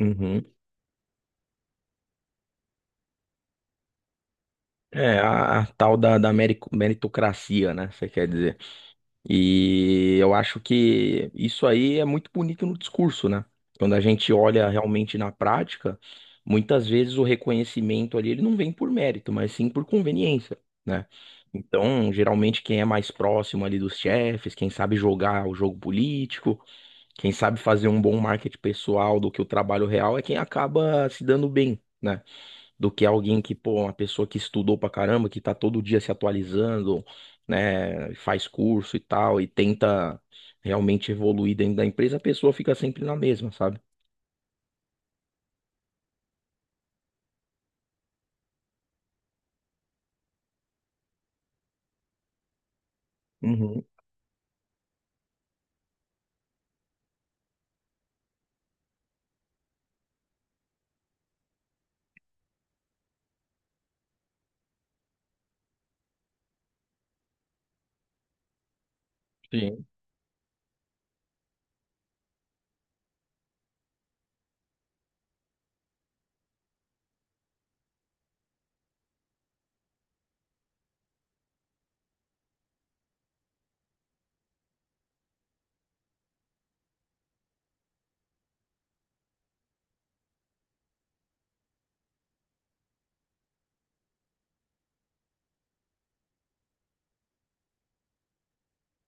Uhum. É, a tal da meritocracia, né? Você quer dizer. E eu acho que isso aí é muito bonito no discurso, né? Quando a gente olha realmente na prática, muitas vezes o reconhecimento ali ele não vem por mérito, mas sim por conveniência, né? Então, geralmente quem é mais próximo ali dos chefes, quem sabe jogar o jogo político, quem sabe fazer um bom marketing pessoal do que o trabalho real é quem acaba se dando bem. Né? Do que alguém que, pô, uma pessoa que estudou pra caramba, que tá todo dia se atualizando, né, faz curso e tal, e tenta realmente evoluir dentro da empresa, a pessoa fica sempre na mesma, sabe? Uhum, sim.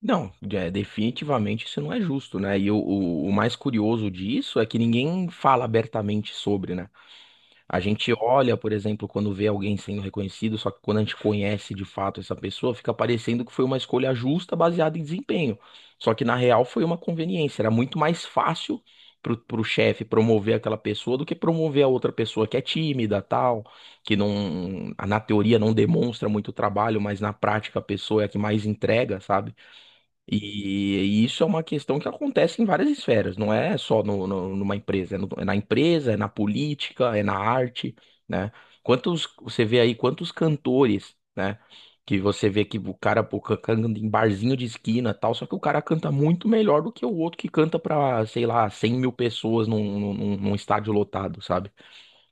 Não, é, definitivamente isso não é justo, né? E o mais curioso disso é que ninguém fala abertamente sobre, né? A gente olha, por exemplo, quando vê alguém sendo reconhecido, só que quando a gente conhece de fato essa pessoa, fica parecendo que foi uma escolha justa baseada em desempenho. Só que na real foi uma conveniência. Era muito mais fácil pro chefe promover aquela pessoa do que promover a outra pessoa que é tímida, tal, que não, na teoria não demonstra muito trabalho, mas na prática a pessoa é a que mais entrega, sabe? E, isso é uma questão que acontece em várias esferas, não é só numa empresa, é, é na empresa, é na política, é na arte, né? Quantos, você vê aí quantos cantores, né? Que você vê que o cara pô, canta em barzinho de esquina e tal, só que o cara canta muito melhor do que o outro que canta pra, sei lá, 100 mil pessoas num estádio lotado, sabe?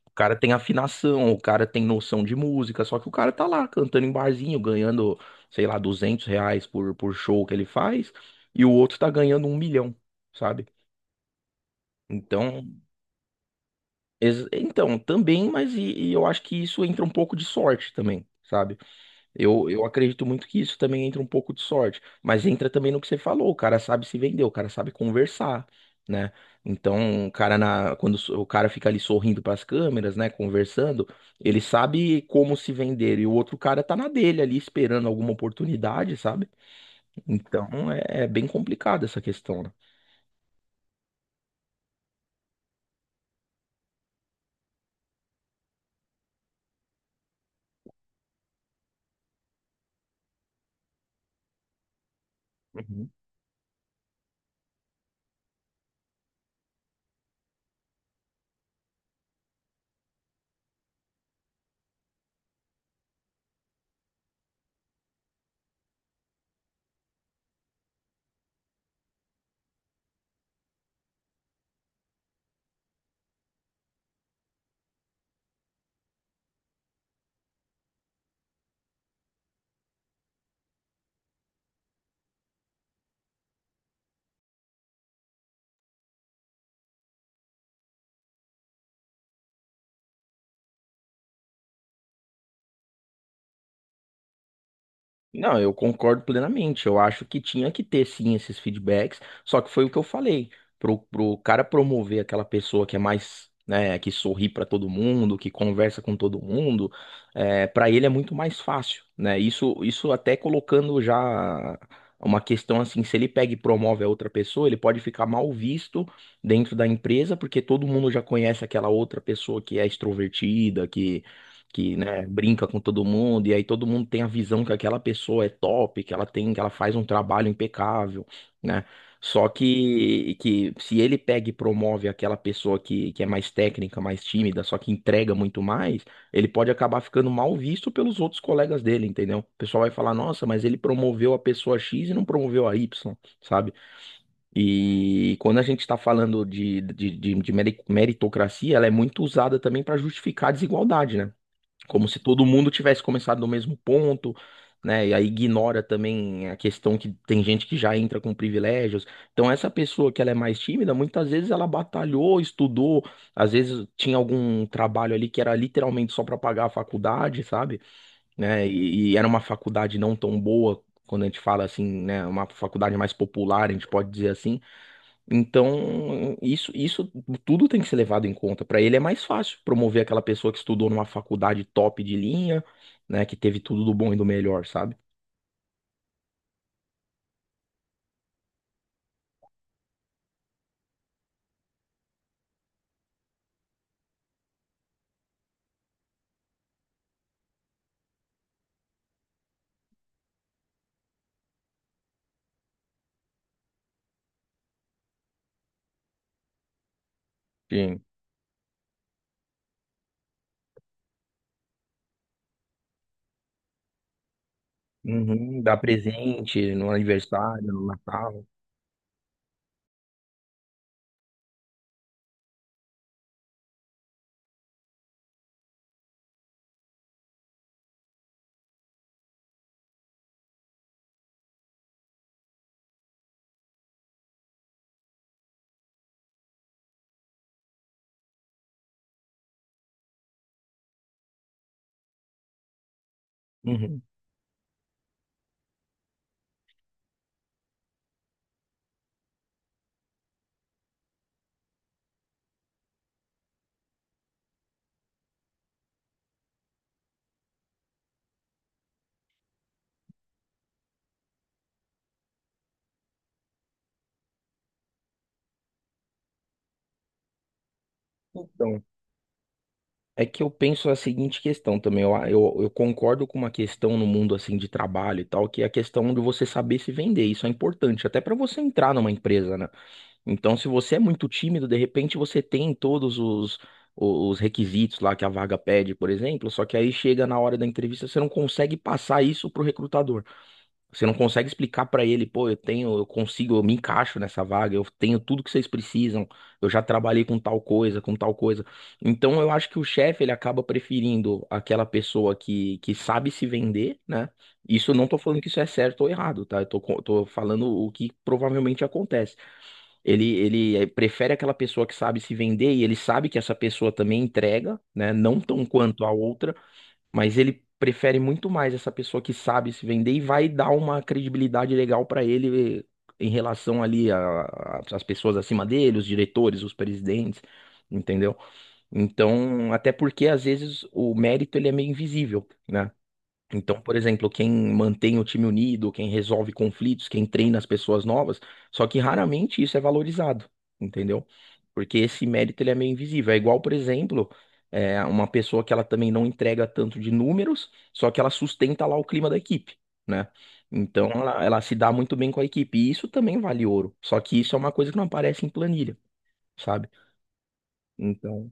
O cara tem afinação, o cara tem noção de música, só que o cara tá lá cantando em barzinho, ganhando, sei lá, R$ 200 por show que ele faz, e o outro tá ganhando 1 milhão, sabe? Então, então também, mas e eu acho que isso entra um pouco de sorte também, sabe? Eu acredito muito que isso também entra um pouco de sorte, mas entra também no que você falou, o cara sabe se vender, o cara sabe conversar, né? Então, o cara na, o cara fica ali sorrindo para as câmeras, né, conversando, ele sabe como se vender e o outro cara tá na dele ali esperando alguma oportunidade, sabe? Então, é, é bem complicada essa questão, né? Não, eu concordo plenamente. Eu acho que tinha que ter sim esses feedbacks, só que foi o que eu falei. Pro cara promover aquela pessoa que é mais, né, que sorri pra todo mundo, que conversa com todo mundo, é, para ele é muito mais fácil, né? Isso até colocando já uma questão assim, se ele pega e promove a outra pessoa, ele pode ficar mal visto dentro da empresa, porque todo mundo já conhece aquela outra pessoa que é extrovertida, que, né, brinca com todo mundo, e aí todo mundo tem a visão que aquela pessoa é top, que ela tem, que ela faz um trabalho impecável, né? Só que se ele pega e promove aquela pessoa que é mais técnica, mais tímida, só que entrega muito mais, ele pode acabar ficando mal visto pelos outros colegas dele, entendeu? O pessoal vai falar, nossa, mas ele promoveu a pessoa X e não promoveu a Y, sabe? E quando a gente está falando de meritocracia, ela é muito usada também para justificar a desigualdade, né? Como se todo mundo tivesse começado no mesmo ponto, né? E aí ignora também a questão que tem gente que já entra com privilégios. Então essa pessoa que ela é mais tímida, muitas vezes ela batalhou, estudou, às vezes tinha algum trabalho ali que era literalmente só para pagar a faculdade, sabe? Né? E era uma faculdade não tão boa. Quando a gente fala assim, né, uma faculdade mais popular, a gente pode dizer assim, então, isso tudo tem que ser levado em conta. Para ele é mais fácil promover aquela pessoa que estudou numa faculdade top de linha, né, que teve tudo do bom e do melhor, sabe? Sim. Uhum, dar presente no aniversário, no Natal. Uhum. Então, é que eu penso a seguinte questão também. Eu concordo com uma questão no mundo assim de trabalho e tal, que é a questão de você saber se vender. Isso é importante, até para você entrar numa empresa, né? Então, se você é muito tímido, de repente você tem todos os requisitos lá que a vaga pede, por exemplo, só que aí chega na hora da entrevista, você não consegue passar isso pro recrutador. Você não consegue explicar para ele, pô, eu tenho, eu consigo, eu me encaixo nessa vaga, eu tenho tudo que vocês precisam, eu já trabalhei com tal coisa, com tal coisa. Então, eu acho que o chefe, ele acaba preferindo aquela pessoa que sabe se vender, né? Isso eu não tô falando que isso é certo ou errado, tá? Eu tô, tô falando o que provavelmente acontece. Ele prefere aquela pessoa que sabe se vender e ele sabe que essa pessoa também entrega, né? Não tão quanto a outra, mas ele prefere muito mais essa pessoa que sabe se vender e vai dar uma credibilidade legal para ele em relação ali a, às pessoas acima dele, os diretores, os presidentes, entendeu? Então, até porque às vezes o mérito ele é meio invisível, né? Então, por exemplo, quem mantém o time unido, quem resolve conflitos, quem treina as pessoas novas, só que raramente isso é valorizado, entendeu? Porque esse mérito ele é meio invisível. É igual, por exemplo, é, uma pessoa que ela também não entrega tanto de números, só que ela sustenta lá o clima da equipe, né? Então, ela se dá muito bem com a equipe. E isso também vale ouro. Só que isso é uma coisa que não aparece em planilha, sabe? Então.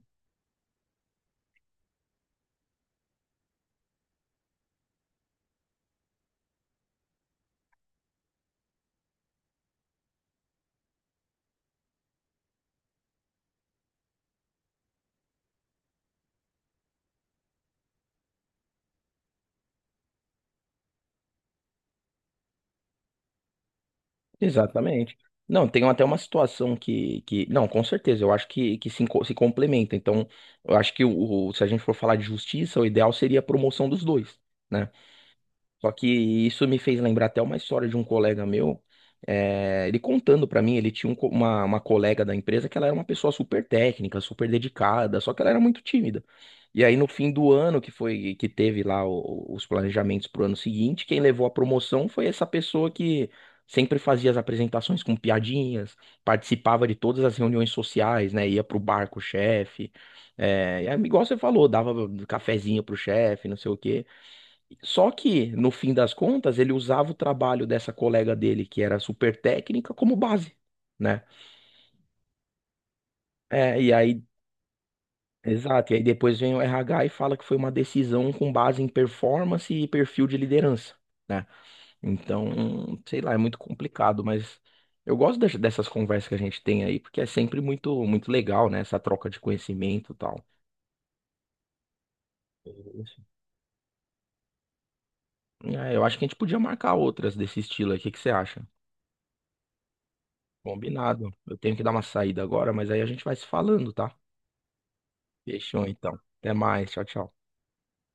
Exatamente. Não, tem até uma situação que... Não, com certeza, eu acho que se, se complementa. Então, eu acho que o, se a gente for falar de justiça, o ideal seria a promoção dos dois, né? Só que isso me fez lembrar até uma história de um colega meu. Ele contando pra mim, ele tinha um uma colega da empresa que ela era uma pessoa super técnica, super dedicada, só que ela era muito tímida. E aí no fim do ano que foi que teve lá os planejamentos pro ano seguinte, quem levou a promoção foi essa pessoa que sempre fazia as apresentações com piadinhas, participava de todas as reuniões sociais, né? Ia pro bar com o chefe, é e aí, igual você falou, dava cafezinho pro chefe, não sei o quê. Só que, no fim das contas, ele usava o trabalho dessa colega dele, que era super técnica, como base, né? É, e aí, exato, e aí depois vem o RH e fala que foi uma decisão com base em performance e perfil de liderança, né? Então, sei lá, é muito complicado, mas eu gosto dessas conversas que a gente tem aí, porque é sempre muito, muito legal, né? Essa troca de conhecimento e tal. Isso. É, eu acho que a gente podia marcar outras desse estilo aí, o que que você acha? Combinado. Eu tenho que dar uma saída agora, mas aí a gente vai se falando, tá? Fechou então. Até mais. Tchau, tchau.